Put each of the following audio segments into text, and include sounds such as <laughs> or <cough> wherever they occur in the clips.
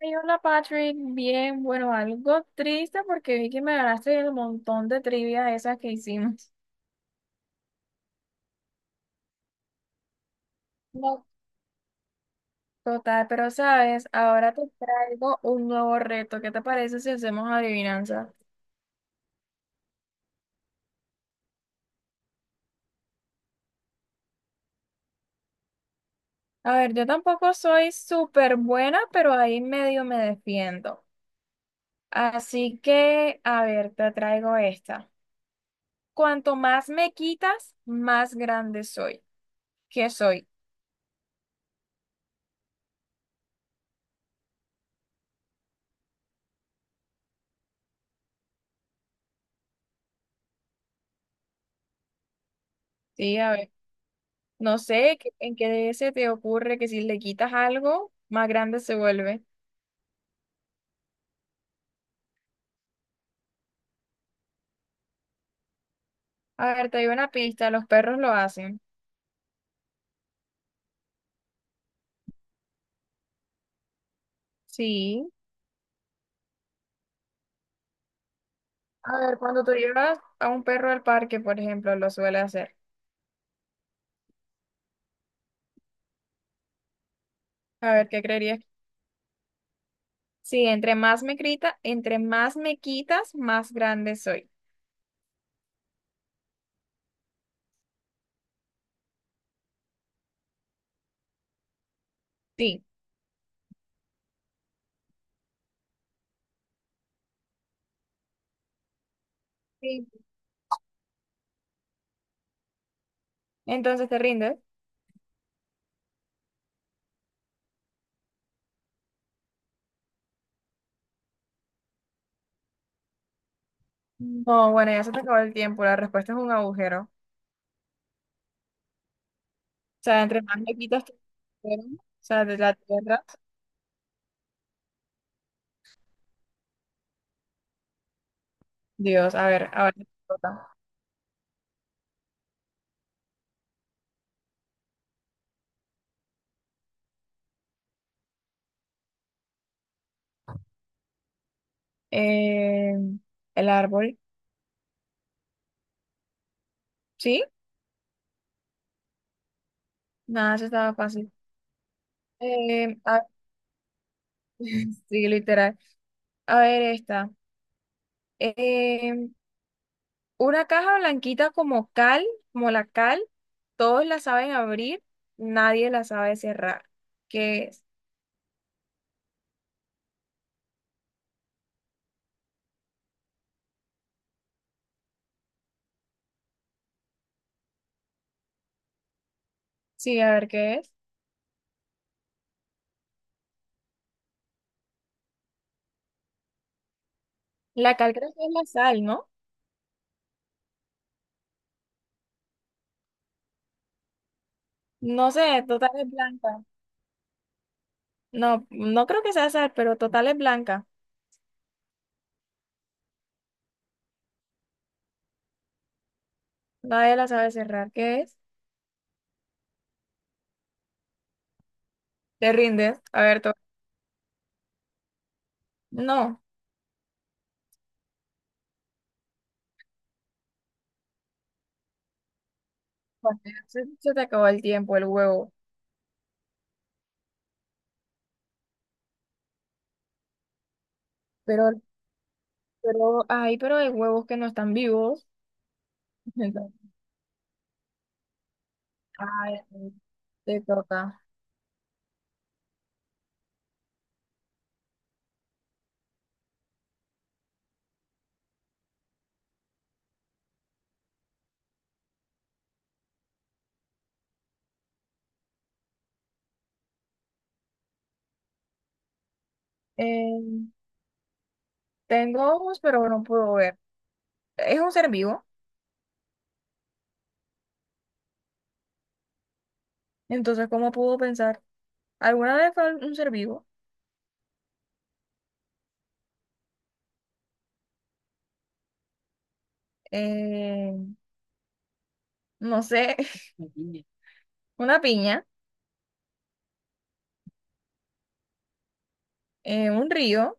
Ay, hola Patrick, bien, bueno, algo triste porque vi que me ganaste el montón de trivia esas que hicimos. No. Total, pero sabes, ahora te traigo un nuevo reto. ¿Qué te parece si hacemos adivinanza? A ver, yo tampoco soy súper buena, pero ahí medio me defiendo. Así que, a ver, te traigo esta. Cuanto más me quitas, más grande soy. ¿Qué soy? Sí, a ver. No sé qué- ¿En qué se te ocurre que si le quitas algo, más grande se vuelve? A ver, te doy una pista, los perros lo hacen. Sí. A ver, cuando tú llevas a un perro al parque, por ejemplo, lo suele hacer. A ver, ¿qué creerías? Sí, entre más me grita, entre más me quitas, más grande soy. Sí. Sí. Entonces, ¿te rindes? No, bueno, ya se te acabó el tiempo. La respuesta es un agujero. O sea, entre más me quitas, tu agujero, o sea, de la tierra. Dios, a ver, ahora te toca. Eh, el árbol, ¿sí? Nada, eso estaba fácil. Eh, a- <laughs> sí, literal. A ver, esta. Eh, una caja blanquita como cal, como la cal, todos la saben abrir, nadie la sabe cerrar. ¿Qué es? Sí, a ver, ¿qué es? La cal creo que es la sal, ¿no? No sé, total es blanca. No, no creo que sea sal, pero total es blanca. Nadie la sabe cerrar. ¿Qué es? ¿Te rindes? No. Bueno, se te acabó el tiempo, el huevo. Pero, pero, ay, pero hay huevos que no están vivos. <laughs> Entonces, ay, te toca. Eh, Tengo ojos, pero no puedo ver. Es un ser vivo. Entonces, ¿cómo puedo pensar? ¿Alguna vez fue un ser vivo? Eh, no sé. <laughs> Una piña, un río,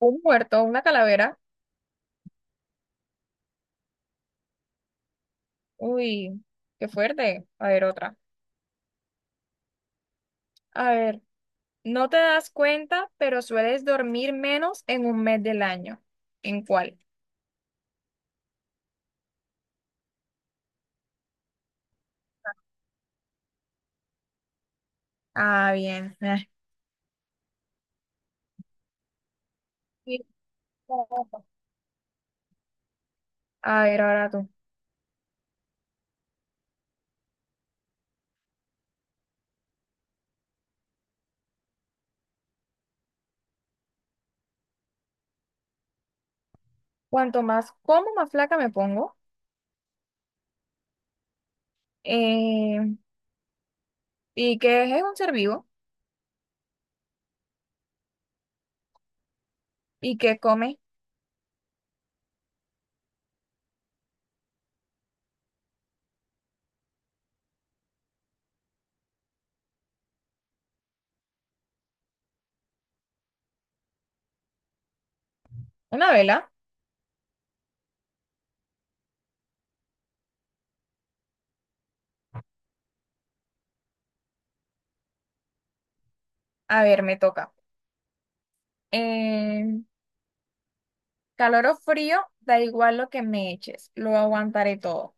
un muerto, una calavera. Uy, qué fuerte. A ver, otra. A ver. No te das cuenta, pero sueles dormir menos en un mes del año. ¿En cuál? Ah, bien. Sí, claro. A ver, ahora tú. Cuanto más como, más flaca me pongo. Eh, ¿Y qué es un ser vivo? ¿Y qué come? Una vela. A ver, me toca. Eh, Calor o frío, da igual lo que me eches, lo aguantaré todo.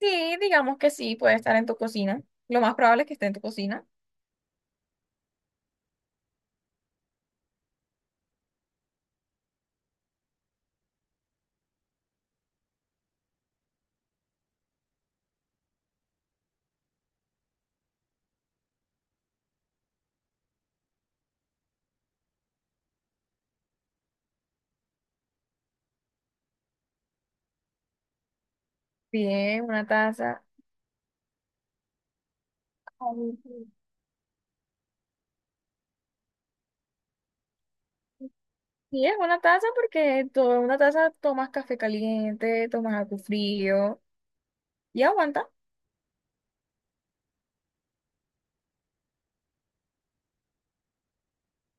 Sí, digamos que sí, puede estar en tu cocina. Lo más probable es que esté en tu cocina. Bien, una taza. Sí, es una taza porque una taza tomas café caliente, tomas algo frío y aguanta.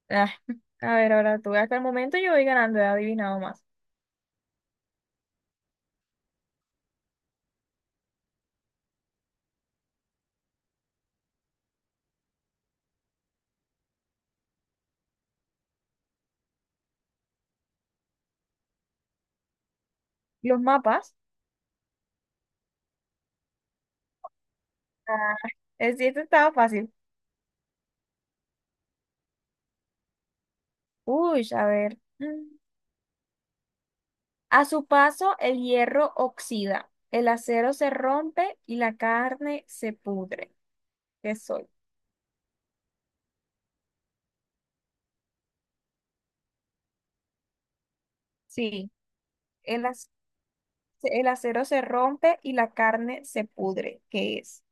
Ah, <laughs> a ver, ahora tú, hasta el momento yo voy ganando, he adivinado más. Los mapas. Ah, es, sí, este estaba fácil. Uy, a ver. Mm. A su paso, el hierro oxida, el acero se rompe y la carne se pudre. ¿Qué soy? Sí, el, ac- el acero se rompe y la carne se pudre. ¿Qué es?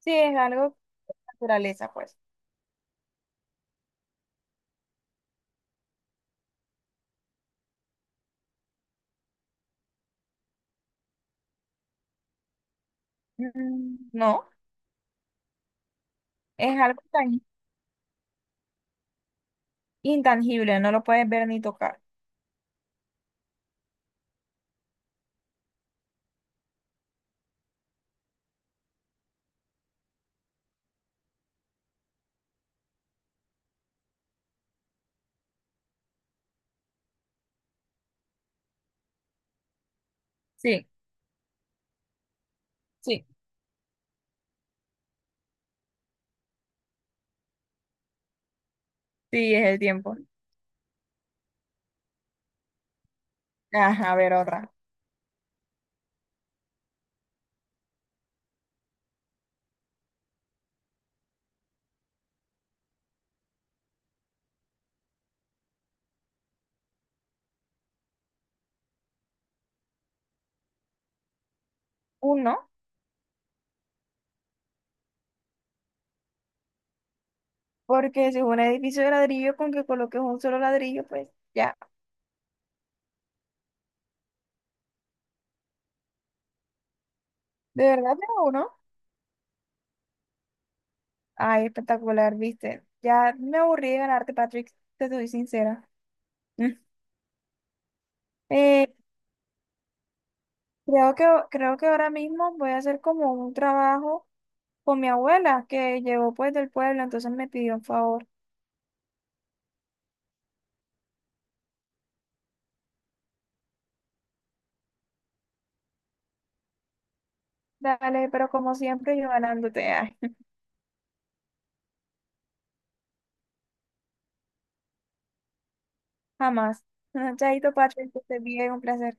Sí, es algo de naturaleza, pues. Mm, no, es algo tan intangible, no lo puedes ver ni tocar. Sí, sí, sí, es el tiempo. Ajá, a ver otra. Uno, porque si es un edificio de ladrillo, con que coloques un solo ladrillo, pues ya. ¿De verdad tengo uno? Ay, espectacular, viste. Ya me aburrí de ganarte, Patrick, te soy sincera. Mm. Eh, creo que, creo que ahora mismo voy a hacer como un trabajo con mi abuela, que llegó pues del pueblo, entonces me pidió un favor. Dale, pero como siempre yo ganándote. Ay. Jamás. <laughs> Chaito, Patrick, que estés bien, un placer.